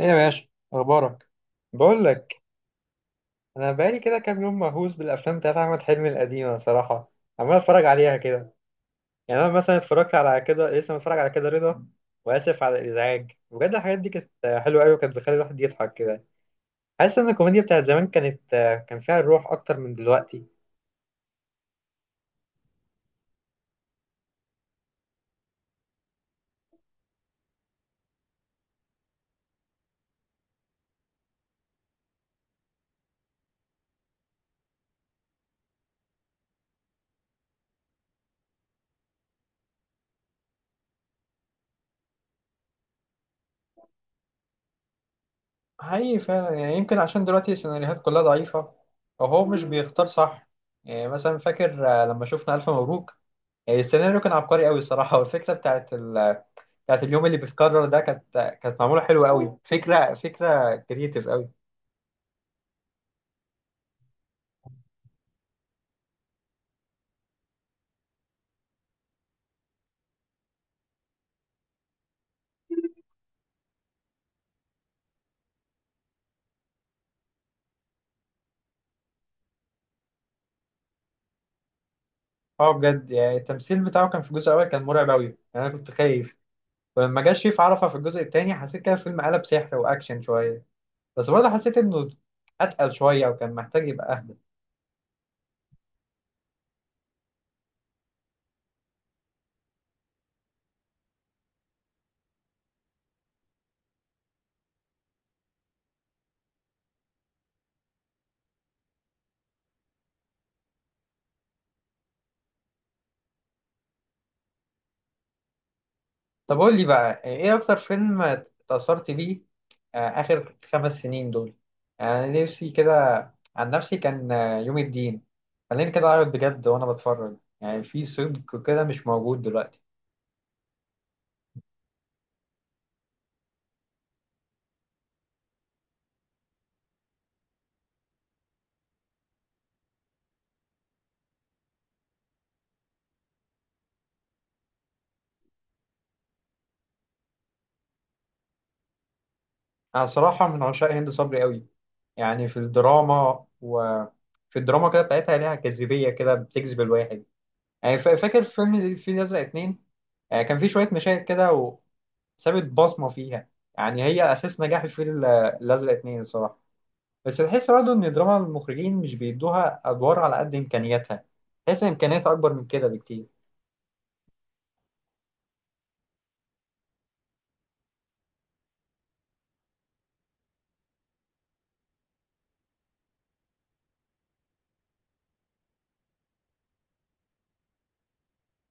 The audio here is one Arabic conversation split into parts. ايه يا باشا؟ اخبارك؟ بقول لك، انا بقالي كده كام يوم مهووس بالافلام بتاعت احمد حلمي القديمه صراحه. عمال اتفرج عليها كده. يعني انا مثلا اتفرجت على كده لسه متفرج على كده رضا. واسف على الازعاج بجد. الحاجات دي كانت حلوه قوي وكانت بتخلي الواحد يضحك كده. حاسس ان الكوميديا بتاعت زمان كان فيها الروح اكتر من دلوقتي. حقيقي فعلا يعني يمكن عشان دلوقتي السيناريوهات كلها ضعيفه، او هو مش بيختار صح. يعني مثلا فاكر، لما شفنا الف مبروك، يعني السيناريو كان عبقري قوي الصراحه، والفكره بتاعت اليوم اللي بيتكرر ده كانت معموله حلوه قوي، فكره كريتيف قوي. اه بجد يعني التمثيل بتاعه كان في الجزء الاول كان مرعب قوي. يعني، انا كنت خايف. ولما جه شريف عرفة في الجزء الثاني حسيت كده الفيلم قلب سحر واكشن شويه. بس برضه حسيت انه اتقل شويه وكان محتاج يبقى اهدى. طب قول لي بقى يعني ايه اكتر فيلم اتأثرت بيه اخر 5 سنين دول؟ يعني أنا نفسي كده، عن نفسي كان يوم الدين. خليني كده اعرف بجد وانا بتفرج يعني في صدق كده مش موجود دلوقتي. أنا صراحة من عشاق هند صبري قوي. يعني في الدراما، وفي الدراما كده بتاعتها ليها جاذبية كده بتجذب الواحد. يعني فاكر فيلم الفيل الأزرق 2، كان في شوية مشاهد كده وسابت بصمة فيها. يعني هي أساس نجاح الفيل الأزرق 2 الصراحة. بس تحس برضه إن دراما المخرجين مش بيدوها أدوار على قد إمكانياتها. تحس إن إمكانياتها أكبر من كده بكتير.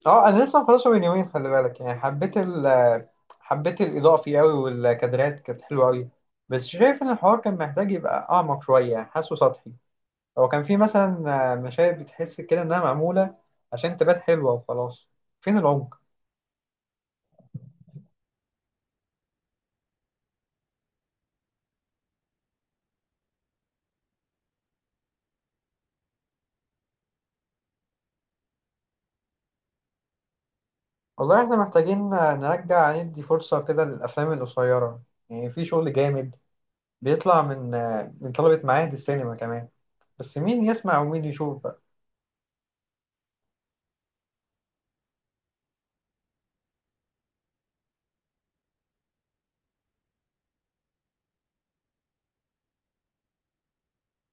اه انا لسه مخلصه من يومين، خلي بالك. يعني حبيت الاضاءه فيه قوي، والكادرات كانت حلوه قوي. بس شايف ان الحوار كان محتاج يبقى اعمق شويه، يعني حاسه سطحي. هو كان في مثلا مشاهد بتحس كده انها معموله عشان تبان حلوه وخلاص. فين العمق؟ والله احنا محتاجين نرجع ندي فرصه كده للافلام القصيره. يعني في شغل جامد بيطلع من طلبه معاهد السينما كمان، بس مين يسمع ومين يشوف؟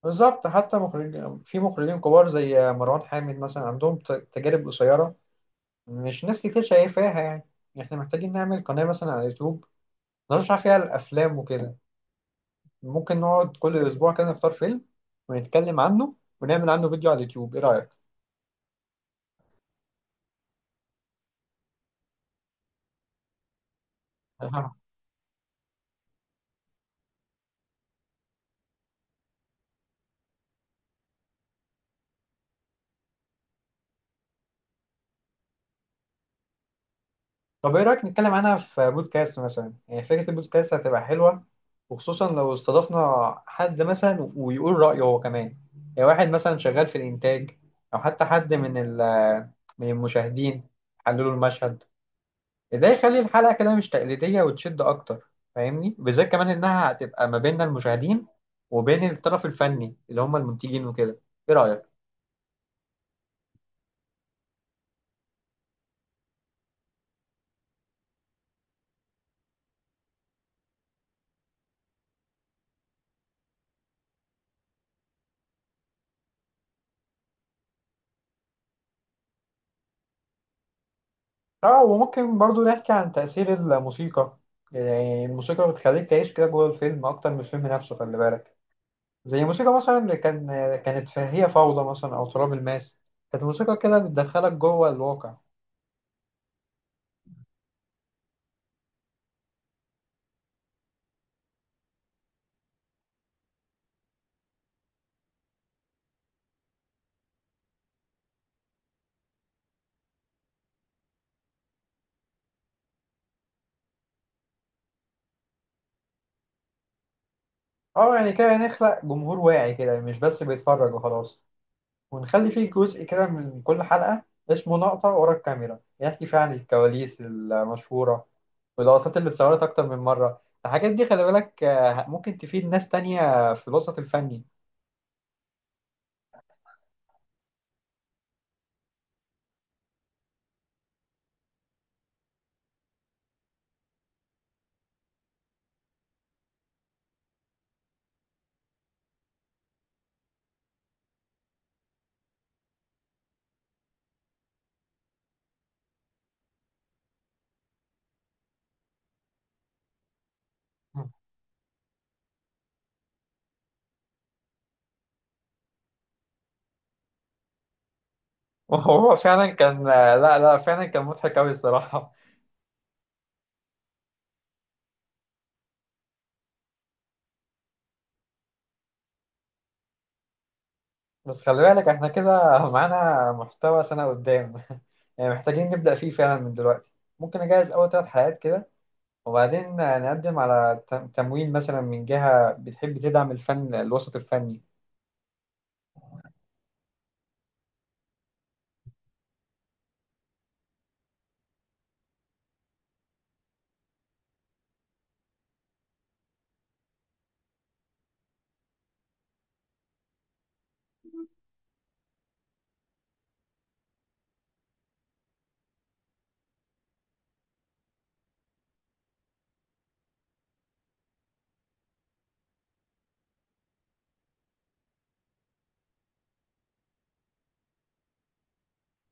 بالظبط. حتى مخرج، في مخرجين كبار زي مروان حامد مثلا عندهم تجارب قصيرة مش ناس كتير شايفاها يعني. احنا محتاجين نعمل قناة مثلا على اليوتيوب نرشح فيها الأفلام وكده. ممكن نقعد كل أسبوع كده نختار فيلم ونتكلم عنه ونعمل عنه فيديو على اليوتيوب، ايه رأيك؟ طب ايه رأيك نتكلم عنها في بودكاست مثلا؟ يعني فكرة البودكاست هتبقى حلوة، وخصوصا لو استضفنا حد مثلا ويقول رأيه هو كمان. يعني واحد مثلا شغال في الإنتاج، أو حتى حد من من المشاهدين حللوا المشهد. ده يخلي الحلقة كده مش تقليدية وتشد أكتر، فاهمني؟ بالذات كمان إنها هتبقى ما بين المشاهدين وبين الطرف الفني اللي هم المنتجين وكده. ايه رأيك؟ اه، وممكن برضو نحكي عن تأثير الموسيقى. يعني الموسيقى بتخليك تعيش كده جوه الفيلم أكتر من الفيلم نفسه، خلي بالك. زي الموسيقى مثلا اللي كانت في هي فوضى مثلا، أو تراب الماس. كانت الموسيقى كده بتدخلك جوه الواقع. اه، يعني كده نخلق جمهور واعي كده مش بس بيتفرج وخلاص. ونخلي فيه جزء كده من كل حلقة اسمه لقطة ورا الكاميرا، يحكي فيها عن الكواليس المشهورة واللقطات اللي اتصورت أكتر من مرة. الحاجات دي خلي بالك ممكن تفيد ناس تانية في الوسط الفني. وهو فعلا كان، لا لا، فعلا كان مضحك أوي الصراحة. بس خلي بالك احنا كده معانا محتوى سنة قدام. يعني محتاجين نبدأ فيه فعلا من دلوقتي. ممكن أجهز أول 3 حلقات كده، وبعدين نقدم على تمويل مثلا من جهة بتحب تدعم الفن الوسط الفني.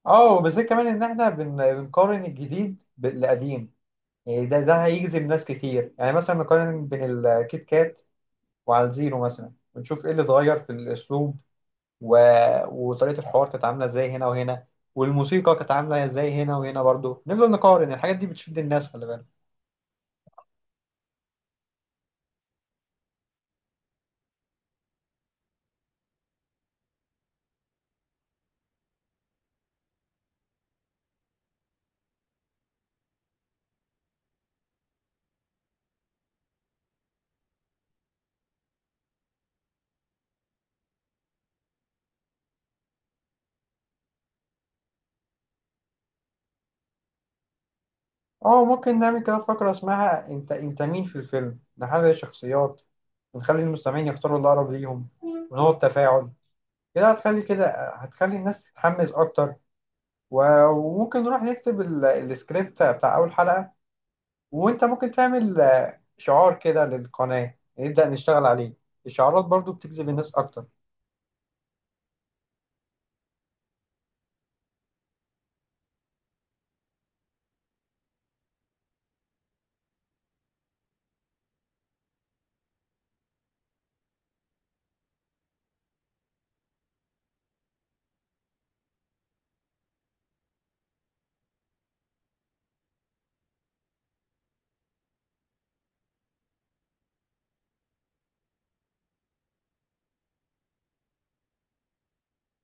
اه، وبالذات كمان إن احنا بنقارن الجديد بالقديم. يعني ده هيجذب ناس كتير. يعني مثلا نقارن بين الكيت كات وعلى الزيرو مثلا، ونشوف ايه اللي اتغير في الأسلوب و... وطريقة الحوار، كانت عاملة ازاي هنا وهنا، والموسيقى كانت عاملة ازاي هنا وهنا. برضو نفضل نقارن، الحاجات دي بتشد الناس خلي بالك. اه، ممكن نعمل كده فقرة اسمها: انت مين في الفيلم؟ نحلل الشخصيات ونخلي المستمعين يختاروا اللي أقرب ليهم، ونقعد تفاعل. كده هتخلي الناس تتحمس أكتر. وممكن نروح نكتب السكريبت بتاع أول حلقة، وأنت ممكن تعمل شعار كده للقناة نبدأ نشتغل عليه. الشعارات برضو بتجذب الناس أكتر.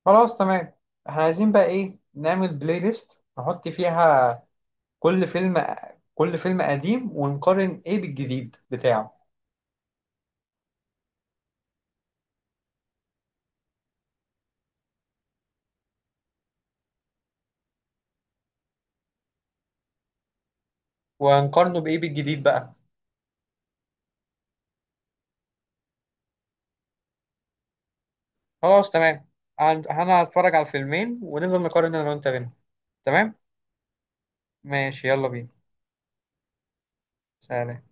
خلاص، تمام. احنا عايزين بقى ايه؟ نعمل بلاي ليست نحط فيها كل فيلم، كل فيلم قديم ونقارن ايه بالجديد بتاعه. ونقارنه بايه بالجديد بقى؟ خلاص، تمام. انا هتفرج على الفيلمين، ونفضل نقارن انا وانت بينهم. تمام. ماشي، يلا بينا. سلام.